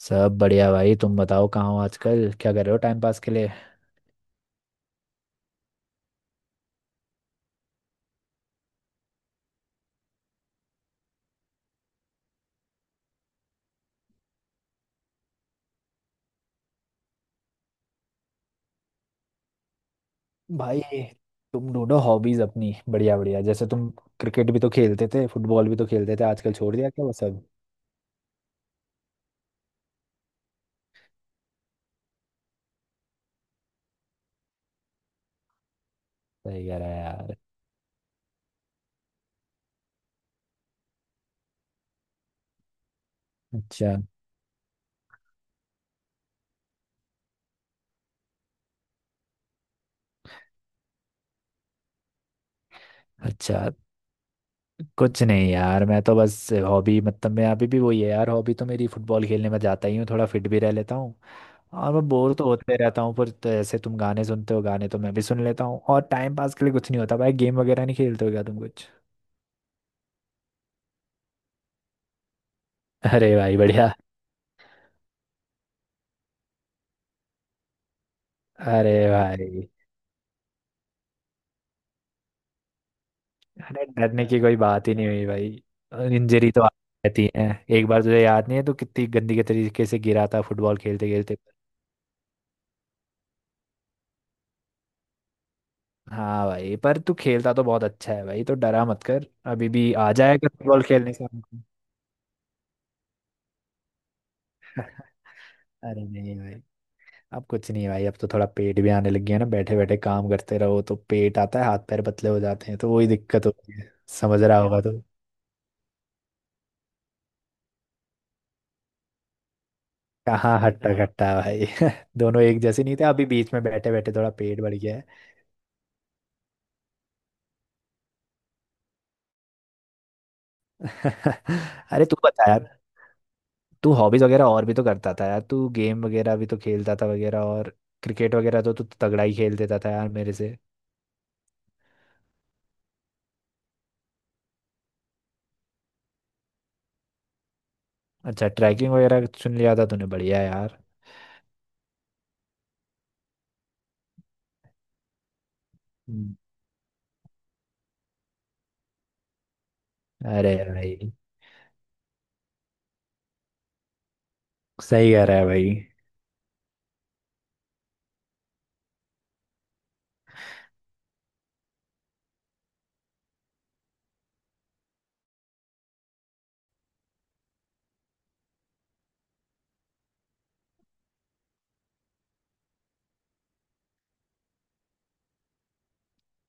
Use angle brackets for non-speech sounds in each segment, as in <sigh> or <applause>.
सब बढ़िया भाई। तुम बताओ कहाँ हो आजकल, क्या कर रहे हो टाइम पास के लिए? भाई, तुम ढूंढो हॉबीज अपनी बढ़िया बढ़िया, जैसे तुम क्रिकेट भी तो खेलते थे, फुटबॉल भी तो खेलते थे, आजकल छोड़ दिया क्या वो सब? सही कह रहा है यार। अच्छा, अच्छा। कुछ नहीं यार, मैं तो बस हॉबी मतलब मैं अभी भी वही है यार। हॉबी तो मेरी फुटबॉल खेलने में जाता ही हूँ, थोड़ा फिट भी रह लेता हूँ। और मैं बोर तो होते रहता हूँ पर तो ऐसे, तुम गाने सुनते हो, गाने तो मैं भी सुन लेता हूँ, और टाइम पास के लिए कुछ नहीं होता भाई। गेम वगैरह नहीं खेलते हो क्या तुम कुछ? अरे भाई, बढ़िया। अरे भाई। अरे, डरने की कोई बात ही नहीं हुई भाई, इंजरी तो आती रहती है। एक बार तुझे याद नहीं है, तू कितनी गंदी के तरीके से गिरा था फुटबॉल खेलते खेलते। हाँ भाई, पर तू खेलता तो बहुत अच्छा है भाई, तो डरा मत कर। अभी भी आ जाएगा फुटबॉल खेलने से हमको। <laughs> अरे नहीं भाई। अब कुछ नहीं भाई, अब तो थोड़ा पेट भी आने लग गया ना। बैठे बैठे काम करते रहो तो पेट आता है, हाथ पैर पतले हो जाते हैं, तो वही दिक्कत होती है। समझ रहा होगा तो। कहाँ हट्टा कट्टा भाई, <laughs> दोनों एक जैसे नहीं थे, अभी बीच में बैठे बैठे थोड़ा पेट बढ़ गया है। <laughs> अरे तू बता यार, तू हॉबीज वगैरह और भी तो करता था यार। तू गेम वगैरह भी तो खेलता था वगैरह, और क्रिकेट वगैरह तो तू तगड़ा ही खेल देता था यार, मेरे से। अच्छा, ट्रैकिंग वगैरह चुन लिया था तूने, बढ़िया यार। हम्म। अरे भाई। सही कह रहा है भाई।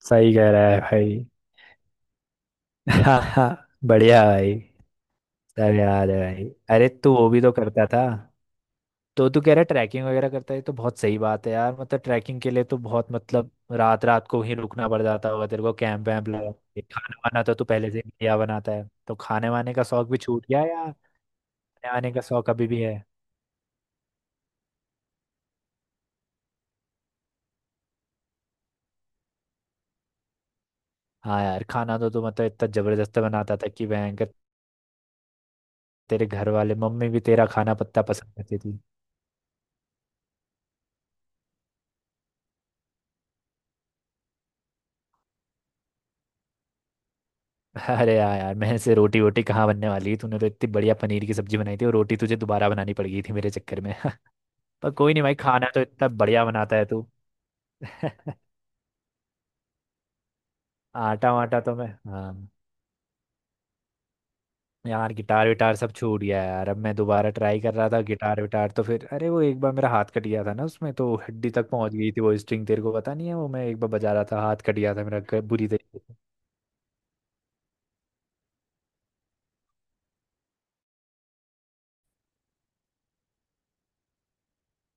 सही कह रहा है भाई। <laughs> हाँ, हाँ। बढ़िया भाई। सब याद है भाई। अरे तू वो भी तो करता था। तो तू कह रहा है ट्रैकिंग वगैरह करता है, तो बहुत सही बात है यार, मतलब ट्रैकिंग के लिए तो बहुत मतलब रात रात को ही रुकना पड़ जाता होगा तेरे को कैंप वैम्प लगा के। खाना वाना तो तू पहले से ही बढ़िया बनाता है, तो खाने वाने का शौक भी छूट गया यार? खाने वाने का शौक अभी भी है। हाँ यार, खाना तो तू मतलब इतना जबरदस्त बनाता था कि भयंकर। तेरे घर वाले मम्मी भी तेरा खाना पत्ता पसंद करती थी। अरे यार यार, मेरे से रोटी वोटी कहाँ बनने वाली है, तूने तो इतनी बढ़िया पनीर की सब्जी बनाई थी, और रोटी तुझे दोबारा बनानी पड़ गई थी मेरे चक्कर में। <laughs> पर कोई नहीं भाई, खाना तो इतना बढ़िया बनाता है तू। <laughs> आटा वाटा तो मैं, हाँ। यार, गिटार विटार सब छूट गया यार। अब मैं दोबारा ट्राई कर रहा था गिटार विटार, तो फिर अरे वो एक बार मेरा हाथ कट गया था ना उसमें, तो हड्डी तक पहुंच गई थी। वो स्ट्रिंग तेरे को पता नहीं है, वो मैं एक बार बजा रहा था, हाथ कट गया था मेरा बुरी तरीके से।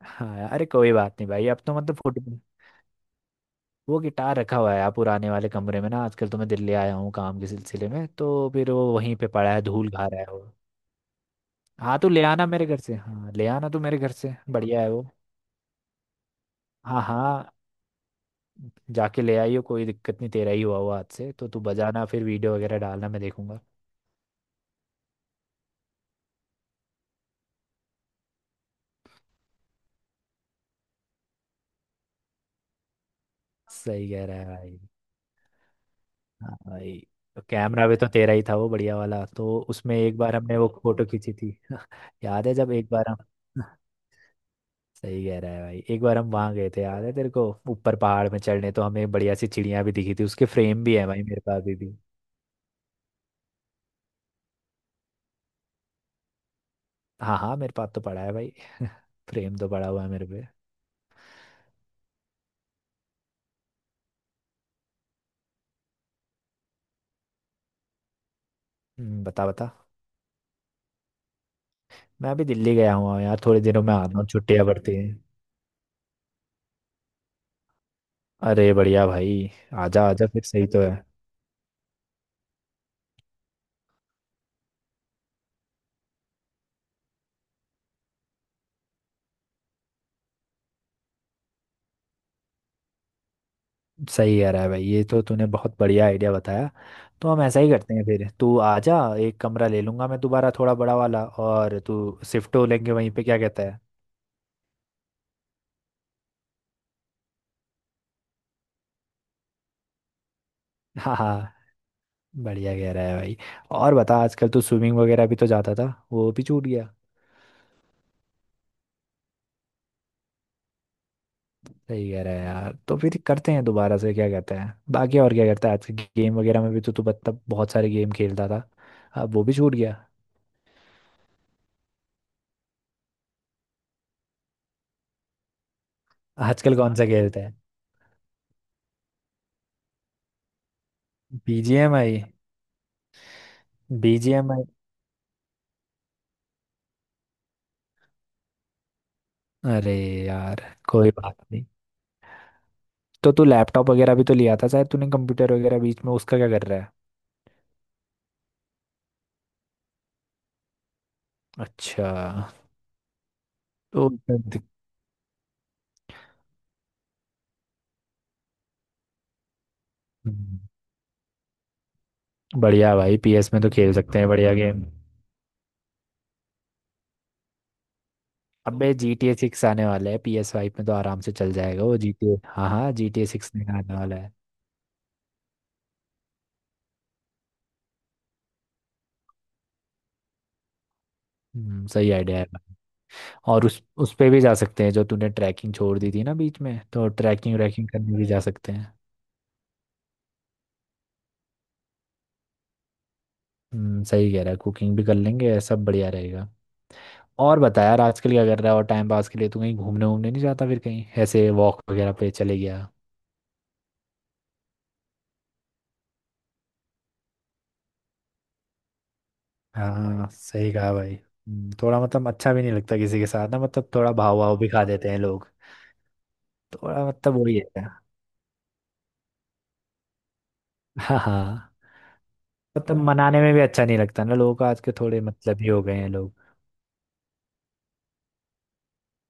हाँ यार, अरे कोई बात नहीं भाई। अब तो मतलब फुट वो गिटार रखा हुआ है यार पुराने वाले कमरे में ना। आजकल तो मैं दिल्ली आया हूँ काम के सिलसिले में, तो फिर वो वहीं पे पड़ा है, धूल खा रहा है वो। हाँ तो ले आना मेरे घर से, हाँ ले आना तू मेरे घर से, बढ़िया है वो। हाँ हाँ, जाके ले आइयो, कोई दिक्कत नहीं। तेरा ही हुआ हुआ हाथ से तो, तू बजाना फिर वीडियो वगैरह डालना, मैं देखूंगा। सही कह रहा है भाई। हाँ भाई। तो कैमरा भी तो तेरा ही था वो बढ़िया वाला, तो उसमें एक बार हमने वो फोटो खींची थी। <laughs> याद है जब एक बार हम <laughs> सही कह रहा है भाई, एक बार हम वहां गए थे, याद है तेरे को, ऊपर पहाड़ में चढ़ने, तो हमें बढ़िया सी चिड़िया भी दिखी थी, उसके फ्रेम भी है भाई मेरे पास अभी भी। हाँ हाँ, मेरे पास तो पड़ा है भाई। फ्रेम तो पड़ा हुआ है मेरे पे। बता बता। मैं अभी दिल्ली गया हुआ हूँ यार, थोड़े दिनों में आ रहा हूँ, छुट्टियाँ पड़ती हैं। अरे बढ़िया भाई। आजा आजा फिर, सही तो है। सही कह रहा है भाई, ये तो तूने बहुत बढ़िया आइडिया बताया। तो हम ऐसा ही करते हैं, फिर तू आजा। एक कमरा ले लूंगा मैं दोबारा थोड़ा बड़ा वाला, और तू शिफ्ट हो लेंगे वहीं पे, क्या कहता है? <laughs> हाँ हाँ, बढ़िया कह रहा है भाई। और बता, आजकल तू स्विमिंग वगैरह भी तो जाता था, वो भी छूट गया? सही कह रहा है यार, तो फिर करते हैं दोबारा से, क्या कहते हैं? बाकी और क्या करता है आजकल, गेम वगैरह में भी तो तू मतलब बहुत सारे गेम खेलता था, अब वो भी छूट गया। आजकल कौन सा खेलता है? BGMI? अरे यार, कोई बात नहीं। तो तू लैपटॉप वगैरह भी तो लिया था शायद तूने, कंप्यूटर वगैरह बीच में, उसका क्या कर रहा है? अच्छा। तो हम्म, बढ़िया भाई, PS में तो खेल सकते हैं बढ़िया गेम। अबे GTA 6 आने वाला है, PS5 में तो आराम से चल जाएगा वो GTA। हाँ हाँ, GTA 6 में आने वाला है। सही आइडिया है भाई। और उस पे भी जा सकते हैं जो तूने ट्रैकिंग छोड़ दी थी ना बीच में, तो ट्रैकिंग व्रैकिंग करने भी जा सकते हैं। सही कह रहा है, कुकिंग भी कर लेंगे, सब बढ़िया रहेगा। और बता यार आजकल क्या कर रहा है और टाइम पास के लिए, तू कहीं घूमने वूमने नहीं जाता फिर, कहीं ऐसे वॉक वगैरह पे चले गया? हाँ सही कहा भाई। थोड़ा मतलब अच्छा भी नहीं लगता किसी के साथ ना, मतलब थोड़ा भाव भाव भी खा देते हैं लोग। थोड़ा मतलब वही है। <laughs> हाँ हाँ। मतलब मनाने में भी अच्छा नहीं लगता ना लोगों को, आज के थोड़े मतलब ही हो गए हैं लोग।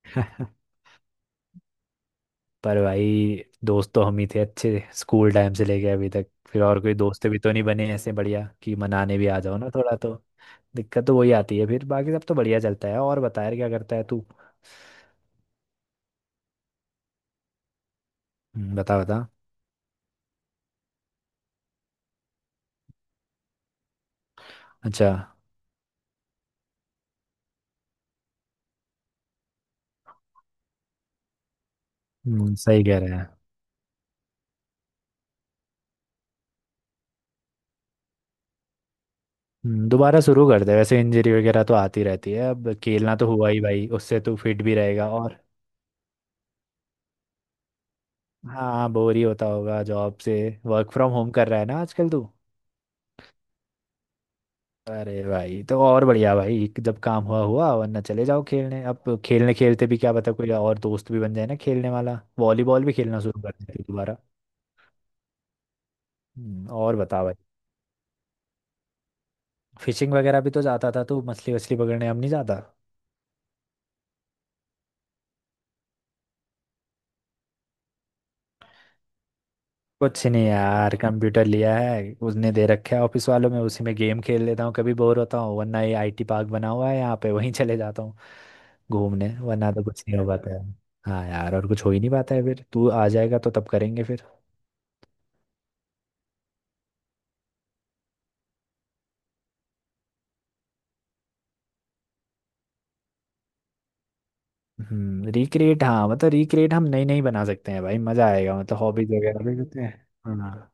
<laughs> पर भाई दोस्त तो हम ही थे अच्छे, स्कूल टाइम से लेके अभी तक। फिर और कोई दोस्त भी तो नहीं बने ऐसे बढ़िया कि मनाने भी आ जाओ ना थोड़ा तो। दिक्कत तो वही आती है, फिर बाकी सब तो बढ़िया चलता है। और बता यार क्या करता है तू? बता बता। अच्छा। सही कह रहे हैं। दोबारा शुरू कर दे, वैसे इंजरी वगैरह तो आती रहती है, अब खेलना तो हुआ ही भाई, उससे तू फिट भी रहेगा और। हाँ, बोर ही होता होगा जॉब से। वर्क फ्रॉम होम कर रहा है ना आजकल तू? अरे भाई तो और बढ़िया भाई, जब काम हुआ हुआ वरना चले जाओ खेलने, अब खेलने खेलते भी क्या पता कोई और दोस्त भी बन जाए ना खेलने वाला, वॉलीबॉल भी खेलना शुरू कर देते दोबारा। और बता भाई, फिशिंग वगैरह भी तो जाता था तू, मछली वछली पकड़ने, अब नहीं जाता? कुछ नहीं यार, कंप्यूटर लिया है उसने दे रखा है ऑफिस वालों में, उसी में गेम खेल लेता हूँ कभी बोर होता हूँ, वरना ये IT पार्क बना हुआ है यहाँ पे, वहीं चले जाता हूँ घूमने, वरना तो कुछ नहीं हो पाता है। हाँ यार, और कुछ हो ही नहीं पाता है, फिर तू आ जाएगा तो तब करेंगे फिर। हम्म, रिक्रिएट हाँ, मतलब रिक्रिएट हम नई नई बना सकते हैं भाई, मजा आएगा, मतलब हॉबीज वगैरह अभी कहते हैं। हाँ।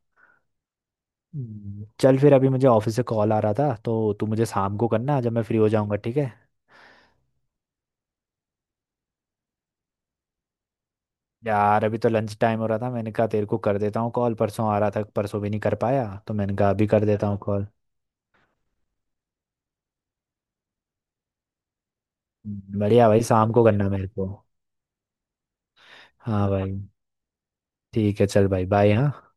चल फिर, अभी मुझे ऑफिस से कॉल आ रहा था, तो तू मुझे शाम को करना जब मैं फ्री हो जाऊंगा, ठीक है? यार अभी तो लंच टाइम हो रहा था, मैंने कहा तेरे को कर देता हूँ कॉल। परसों आ रहा था, परसों भी नहीं कर पाया, तो मैंने कहा अभी कर देता हूँ कॉल। बढ़िया भाई, शाम को करना मेरे को। हाँ भाई, ठीक है, चल भाई, बाय हाँ।